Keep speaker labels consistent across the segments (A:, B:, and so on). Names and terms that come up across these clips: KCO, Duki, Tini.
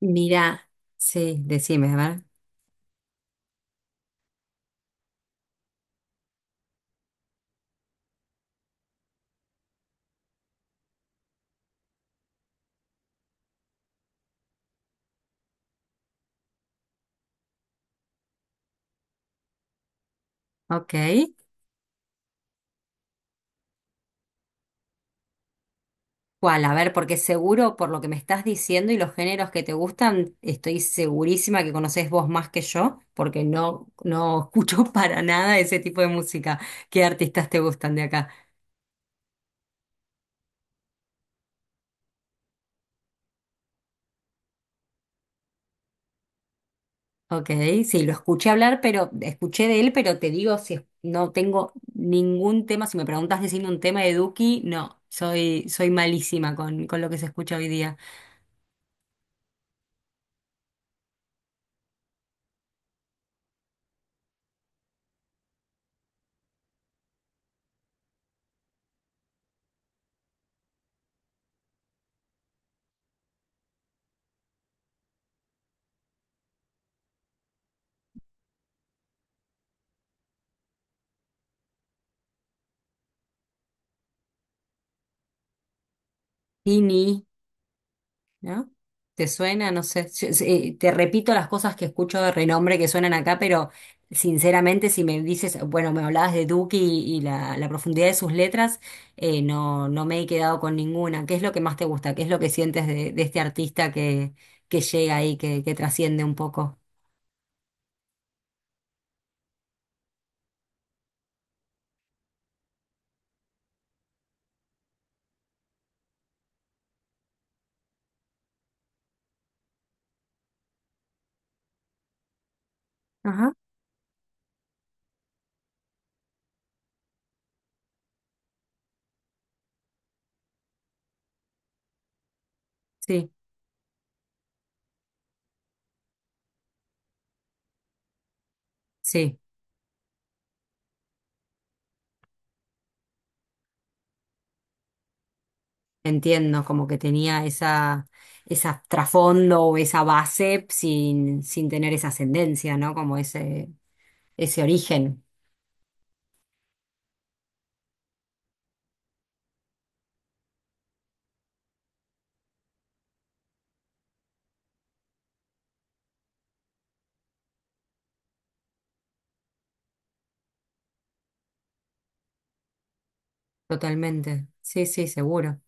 A: Mira, sí, decime, a ver. Ok. ¿Cuál? A ver, porque seguro por lo que me estás diciendo y los géneros que te gustan, estoy segurísima que conocés vos más que yo, porque no escucho para nada ese tipo de música. ¿Qué artistas te gustan de acá? Ok, sí, lo escuché hablar, pero escuché de él, pero te digo, no tengo ningún tema, si me preguntas decirme un tema de Duki, no, soy malísima con lo que se escucha hoy día. Tini. ¿No? ¿Te suena? No sé. Sí, te repito las cosas que escucho de renombre que suenan acá, pero sinceramente, si me dices, bueno, me hablabas de Duki y la profundidad de sus letras, no, no me he quedado con ninguna. ¿Qué es lo que más te gusta? ¿Qué es lo que sientes de este artista que llega ahí, que trasciende un poco? Ajá. Sí, sí, entiendo, como que tenía esa, esa trasfondo o esa base sin tener esa ascendencia, ¿no? Como ese origen. Totalmente. Sí, sí, seguro.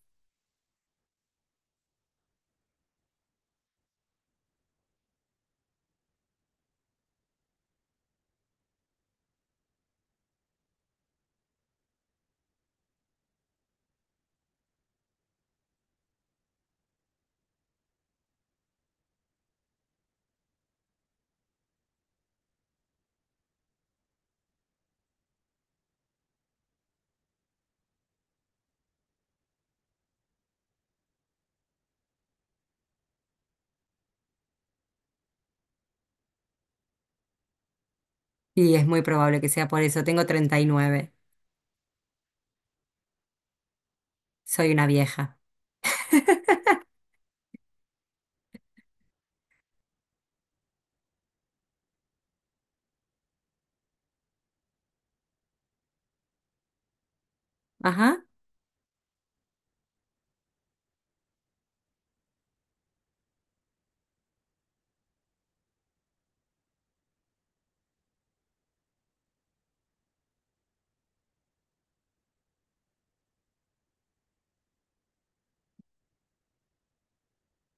A: Y es muy probable que sea por eso. Tengo 39. Soy una vieja. Ajá.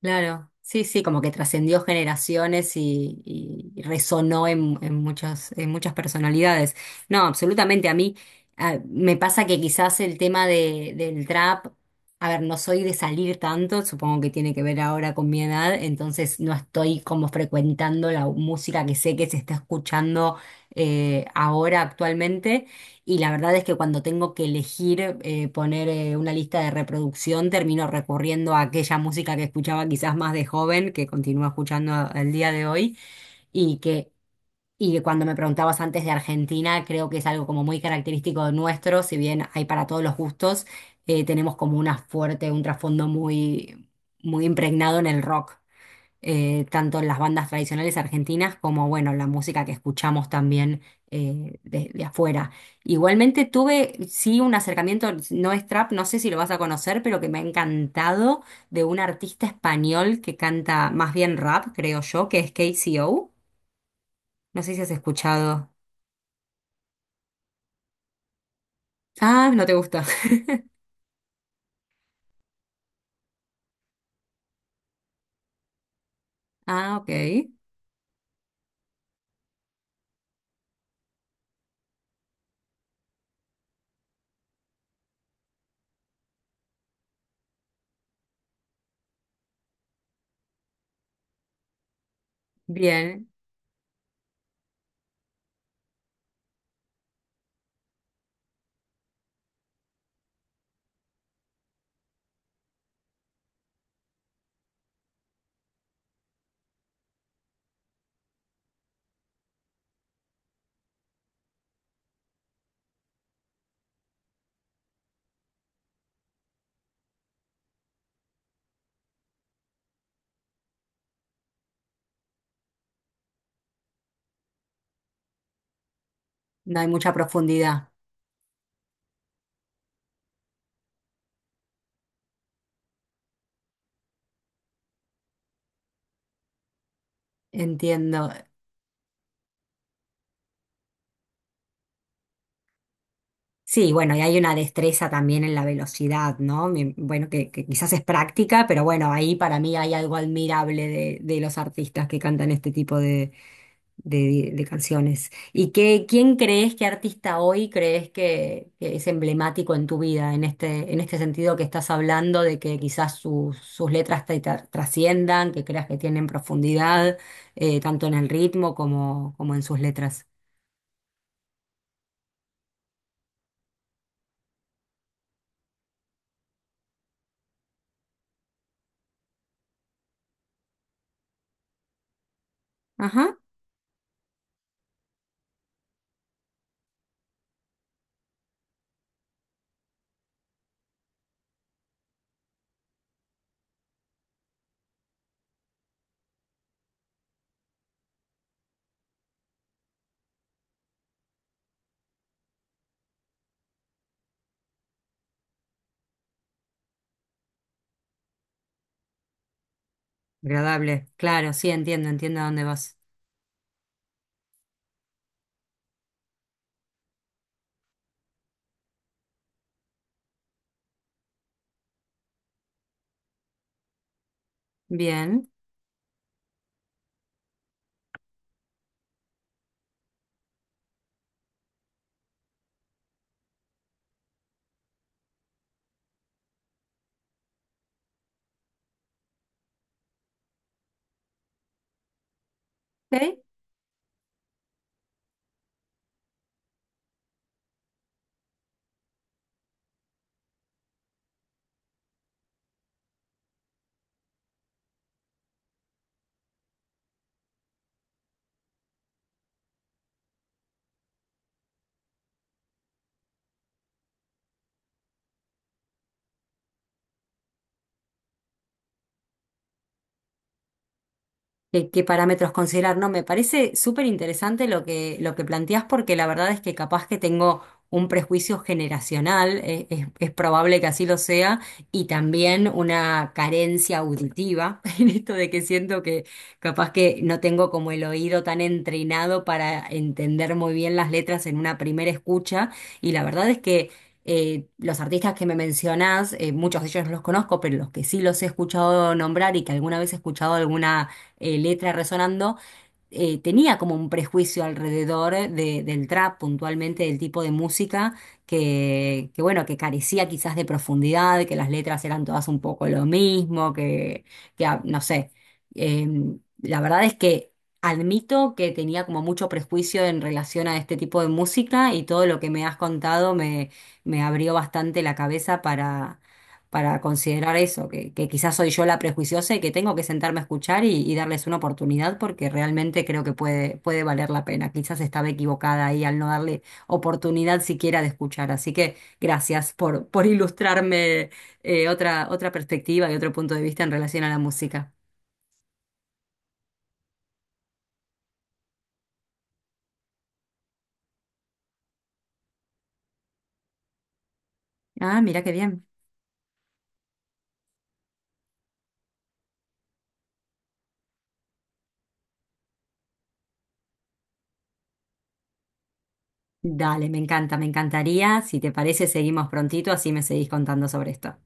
A: Claro, sí, sí, como que trascendió generaciones y resonó en muchas personalidades. No, absolutamente, a mí me pasa que quizás el tema del trap, a ver, no soy de salir tanto, supongo que tiene que ver ahora con mi edad, entonces no estoy como frecuentando la música que sé que se está escuchando ahora actualmente. Y la verdad es que cuando tengo que elegir poner una lista de reproducción, termino recurriendo a aquella música que escuchaba quizás más de joven, que continúo escuchando al día de hoy, y que, y que cuando me preguntabas antes de Argentina, creo que es algo como muy característico nuestro, si bien hay para todos los gustos, tenemos como una fuerte, un trasfondo muy, muy impregnado en el rock, tanto en las bandas tradicionales argentinas como, bueno, la música que escuchamos también de afuera. Igualmente tuve, sí, un acercamiento, no es trap, no sé si lo vas a conocer, pero que me ha encantado de un artista español que canta más bien rap, creo yo, que es KCO. No sé si has escuchado. Ah, no te gusta. Ah, ok. Bien. No hay mucha profundidad. Entiendo. Sí, bueno, y hay una destreza también en la velocidad, ¿no? Bueno, que quizás es práctica, pero bueno, ahí para mí hay algo admirable de los artistas que cantan este tipo de canciones. ¿Y qué, quién crees, qué artista hoy crees que es emblemático en tu vida, en este sentido que estás hablando de que quizás sus sus letras trasciendan, que creas que tienen profundidad, tanto en el ritmo como, como en sus letras? Ajá, agradable, claro, sí, entiendo, entiendo a dónde vas. Bien. Ok. Qué, qué parámetros considerar. No, me parece súper interesante lo que planteás porque la verdad es que capaz que tengo un prejuicio generacional, es probable que así lo sea, y también una carencia auditiva en esto de que siento que capaz que no tengo como el oído tan entrenado para entender muy bien las letras en una primera escucha, y la verdad es que... los artistas que me mencionás, muchos de ellos no los conozco, pero los que sí los he escuchado nombrar y que alguna vez he escuchado alguna letra resonando, tenía como un prejuicio alrededor del trap, puntualmente del tipo de música que, bueno, que carecía quizás de profundidad, que las letras eran todas un poco lo mismo, que, no sé. La verdad es que admito que tenía como mucho prejuicio en relación a este tipo de música y todo lo que me has contado me, me abrió bastante la cabeza para considerar eso, que quizás soy yo la prejuiciosa y que tengo que sentarme a escuchar y darles una oportunidad porque realmente creo que puede, puede valer la pena. Quizás estaba equivocada ahí al no darle oportunidad siquiera de escuchar. Así que gracias por ilustrarme otra perspectiva y otro punto de vista en relación a la música. Ah, mira qué bien. Dale, me encanta, me encantaría. Si te parece, seguimos prontito, así me seguís contando sobre esto.